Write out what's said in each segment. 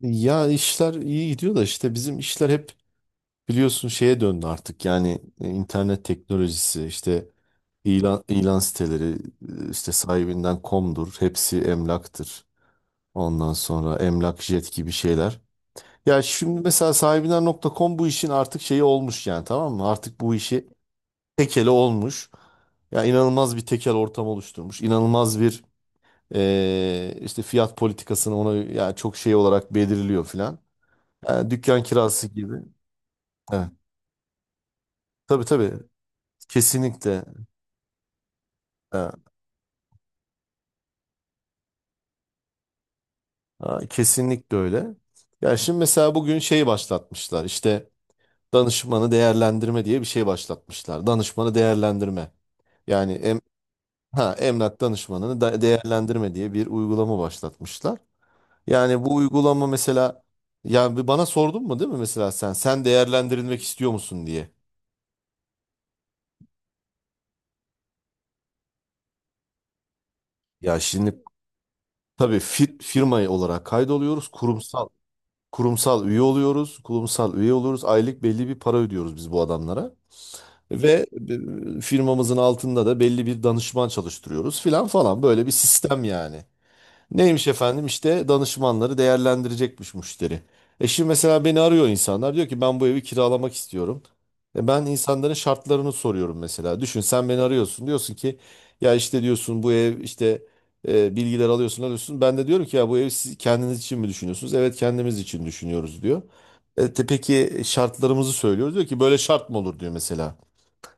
Ya işler iyi gidiyor da işte bizim işler hep biliyorsun şeye döndü artık. Yani internet teknolojisi işte ilan siteleri işte sahibinden komdur. Hepsi emlaktır. Ondan sonra emlak jet gibi şeyler. Ya şimdi mesela sahibinden.com bu işin artık şeyi olmuş yani tamam mı? Artık bu işi tekeli olmuş. Ya inanılmaz bir tekel ortam oluşturmuş. İnanılmaz bir işte fiyat politikasını ona ya çok şey olarak belirliyor filan. Yani dükkan kirası gibi. Evet. Tabii tabii. Kesinlikle. Ha, ha, kesinlikle öyle. Ya şimdi mesela bugün şey başlatmışlar. İşte danışmanı değerlendirme diye bir şey başlatmışlar. Danışmanı değerlendirme. Yani emlak danışmanını da değerlendirme diye bir uygulama başlatmışlar. Yani bu uygulama mesela yani bir bana sordun mu değil mi mesela sen değerlendirilmek istiyor musun diye. Ya şimdi tabii firma olarak kaydoluyoruz. Kurumsal üye oluyoruz. Kurumsal üye oluyoruz. Aylık belli bir para ödüyoruz biz bu adamlara. Ve firmamızın altında da belli bir danışman çalıştırıyoruz filan falan. Böyle bir sistem yani. Neymiş efendim işte danışmanları değerlendirecekmiş müşteri. E şimdi mesela beni arıyor insanlar diyor ki ben bu evi kiralamak istiyorum. E ben insanların şartlarını soruyorum mesela. Düşün sen beni arıyorsun diyorsun ki ya işte diyorsun bu ev işte bilgiler alıyorsun. Ben de diyorum ki ya bu evi siz kendiniz için mi düşünüyorsunuz? Evet kendimiz için düşünüyoruz diyor. Peki şartlarımızı söylüyoruz diyor ki böyle şart mı olur diyor mesela.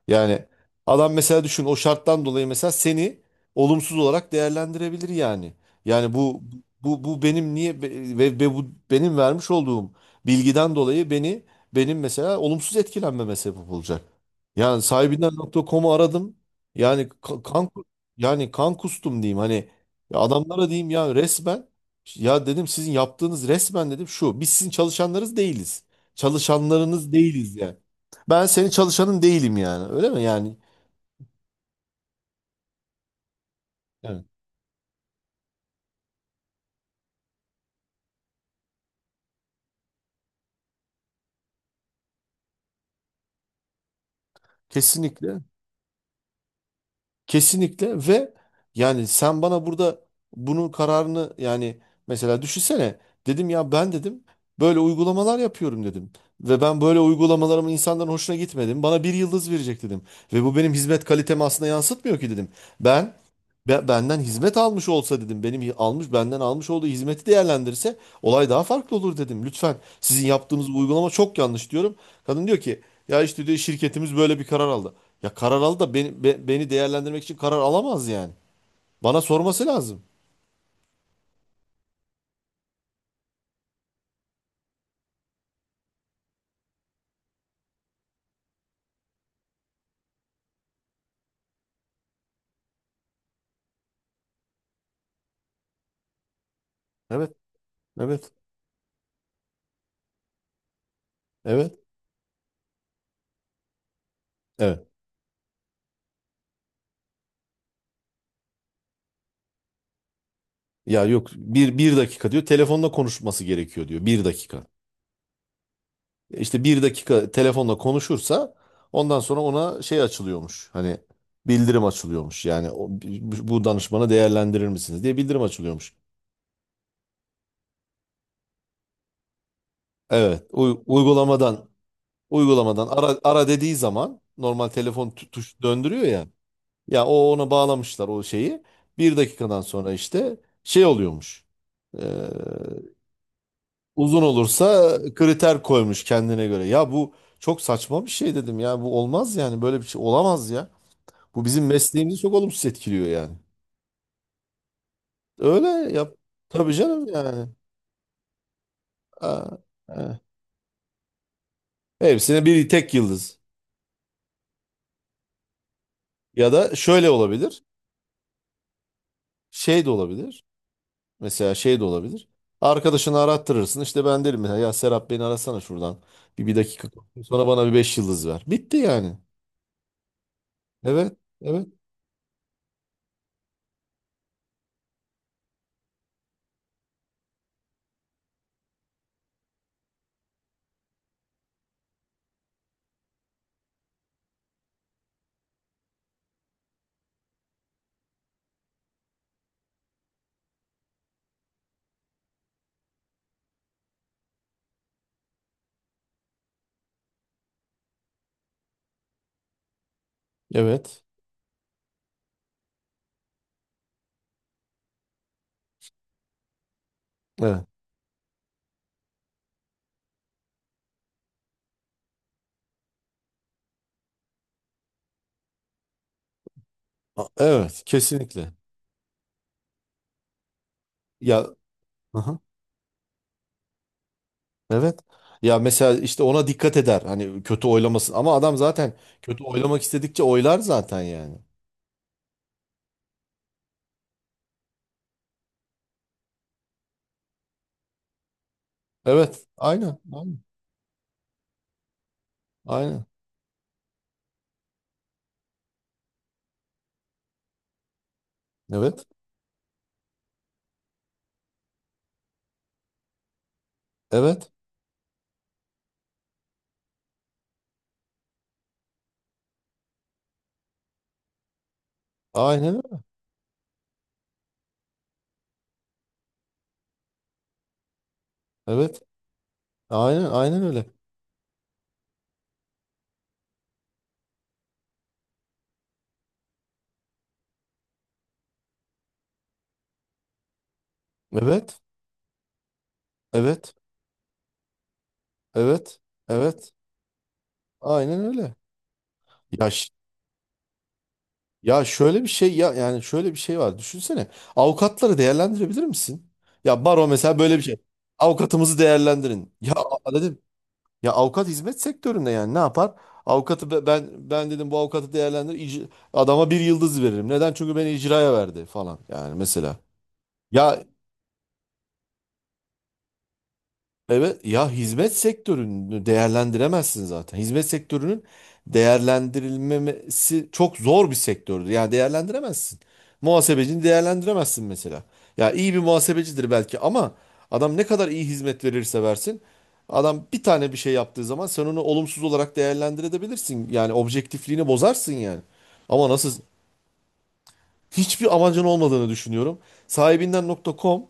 Yani adam mesela düşün o şarttan dolayı mesela seni olumsuz olarak değerlendirebilir yani. Yani bu benim niye ve bu benim vermiş olduğum bilgiden dolayı benim mesela olumsuz etkilenmeme sebep olacak. Yani sahibinden.com'u aradım. Yani kan yani kan kustum diyeyim hani ya adamlara diyeyim ya resmen ya dedim sizin yaptığınız resmen dedim şu biz sizin çalışanlarınız değiliz. Çalışanlarınız değiliz yani. Ben senin çalışanın değilim yani. Öyle mi yani? Evet. Kesinlikle. Kesinlikle ve yani sen bana burada bunun kararını yani mesela düşünsene dedim ya ben dedim böyle uygulamalar yapıyorum dedim. Ve ben böyle uygulamalarımın insanların hoşuna gitmedim. Bana bir yıldız verecek dedim. Ve bu benim hizmet kalitemi aslında yansıtmıyor ki dedim. Ben benden hizmet almış olsa dedim. Benim hi- almış benden almış olduğu hizmeti değerlendirse olay daha farklı olur dedim. Lütfen sizin yaptığınız bu uygulama çok yanlış diyorum. Kadın diyor ki ya işte diyor şirketimiz böyle bir karar aldı. Ya karar aldı da beni değerlendirmek için karar alamaz yani. Bana sorması lazım. Evet, evet, evet, evet. Ya yok bir dakika diyor telefonla konuşması gerekiyor diyor bir dakika. E İşte bir dakika telefonla konuşursa ondan sonra ona şey açılıyormuş. Hani bildirim açılıyormuş. Yani bu danışmanı değerlendirir misiniz diye bildirim açılıyormuş. Evet, uygulamadan ara, ara dediği zaman normal telefon tuş döndürüyor ya. Ya o ona bağlamışlar o şeyi. Bir dakikadan sonra işte şey oluyormuş. Ee, Uzun olursa kriter koymuş kendine göre. Ya bu çok saçma bir şey dedim ya. Bu olmaz yani böyle bir şey olamaz ya. Bu bizim mesleğimizi çok olumsuz etkiliyor yani. Öyle yap. Tabii canım yani. Aa, aa. Hepsine bir tek yıldız. Ya da şöyle olabilir. Şey de olabilir. Mesela şey de olabilir. Arkadaşını arattırırsın. İşte ben derim mesela ya Serap beni arasana şuradan. Bir dakika. Sonra bana bir 5 yıldız ver. Bitti yani. Evet. Evet. Evet. Evet. Evet. Kesinlikle. Ya aha, evet. Ya mesela işte ona dikkat eder. Hani kötü oylamasın. Ama adam zaten kötü oylamak istedikçe oylar zaten yani. Evet. Aynen. Aynen. Aynen. Evet. Evet. Aynen öyle. Evet. Aynen. Aynen öyle. Evet. Evet. Evet. Evet. Aynen öyle. Ya ya şöyle bir şey ya yani şöyle bir şey var. Düşünsene. Avukatları değerlendirebilir misin? Ya baro mesela böyle bir şey. Avukatımızı değerlendirin. Ya dedim ya avukat hizmet sektöründe yani ne yapar? Avukatı ben dedim bu avukatı değerlendir adama bir yıldız veririm. Neden? Çünkü beni icraya verdi falan yani mesela. Ya evet ya hizmet sektörünü değerlendiremezsin zaten. Hizmet sektörünün değerlendirilmemesi çok zor bir sektördür. Yani değerlendiremezsin. Muhasebecini değerlendiremezsin mesela. Ya iyi bir muhasebecidir belki ama adam ne kadar iyi hizmet verirse versin adam bir tane bir şey yaptığı zaman sen onu olumsuz olarak değerlendirebilirsin. Yani objektifliğini bozarsın yani. Ama nasıl hiçbir amacın olmadığını düşünüyorum. Sahibinden.com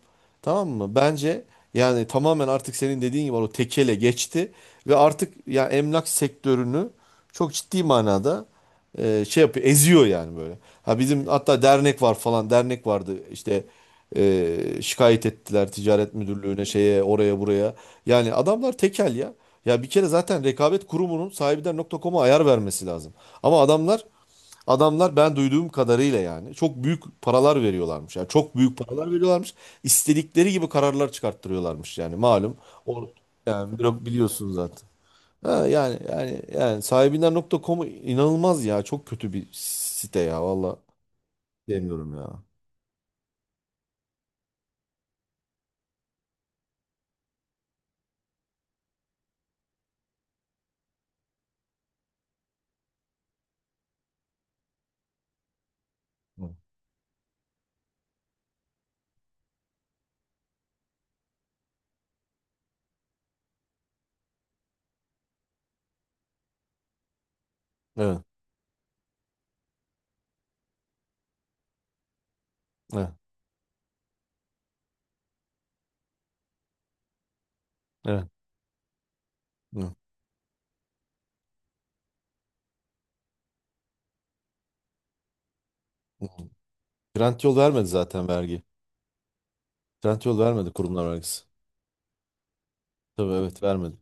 tamam mı? Bence yani tamamen artık senin dediğin gibi o tekele geçti ve artık ya emlak sektörünü çok ciddi manada şey yapıyor, eziyor yani böyle. Ha bizim hatta dernek var falan, dernek vardı işte e, şikayet ettiler ticaret müdürlüğüne şeye oraya buraya. Yani adamlar tekel ya. Ya bir kere zaten rekabet kurumunun sahibinden.com'a ayar vermesi lazım. Ama adamlar ben duyduğum kadarıyla yani çok büyük paralar veriyorlarmış. Yani çok büyük paralar veriyorlarmış. İstedikleri gibi kararlar çıkarttırıyorlarmış yani malum. O yani biliyorsun zaten. Ha, yani sahibinden.com'u inanılmaz ya. Çok kötü bir site ya valla. Demiyorum ya. Hı. Evet. Evet. Evet. Hı. Hı. Trendyol vermedi zaten vergi. Trendyol vermedi kurumlar vergisi. Tabii evet vermedi.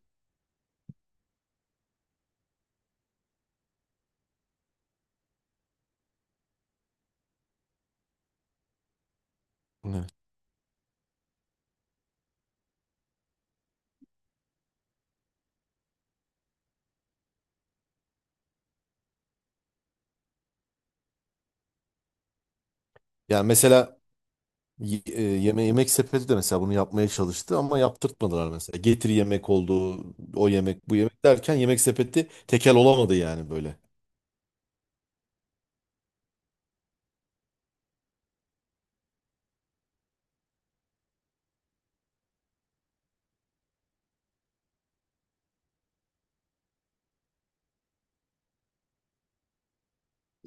Evet. Yani mesela Yemek sepeti de mesela bunu yapmaya çalıştı ama yaptırtmadılar mesela. Getir yemek oldu, o yemek, bu yemek derken yemek sepeti tekel olamadı yani böyle.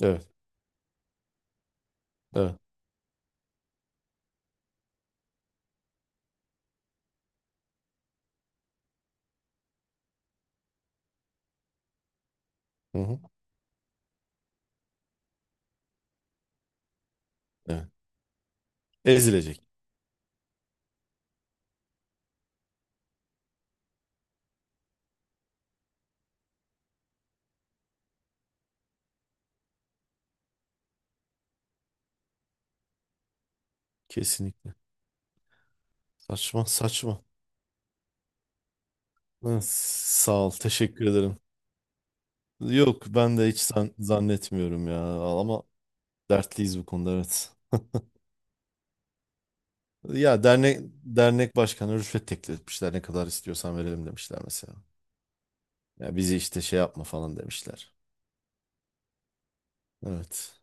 Evet, evet. Hı hı, evet. Ezilecek. Kesinlikle. Saçma, saçma. Hı, sağ ol, teşekkür ederim. Yok, ben de hiç zannetmiyorum ya ama dertliyiz bu konuda evet. Ya dernek başkanı rüşvet teklif etmişler. Ne kadar istiyorsan verelim demişler mesela. Ya bizi işte şey yapma falan demişler. Evet.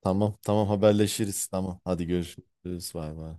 Tamam tamam haberleşiriz. Tamam hadi görüşürüz. Bay bay.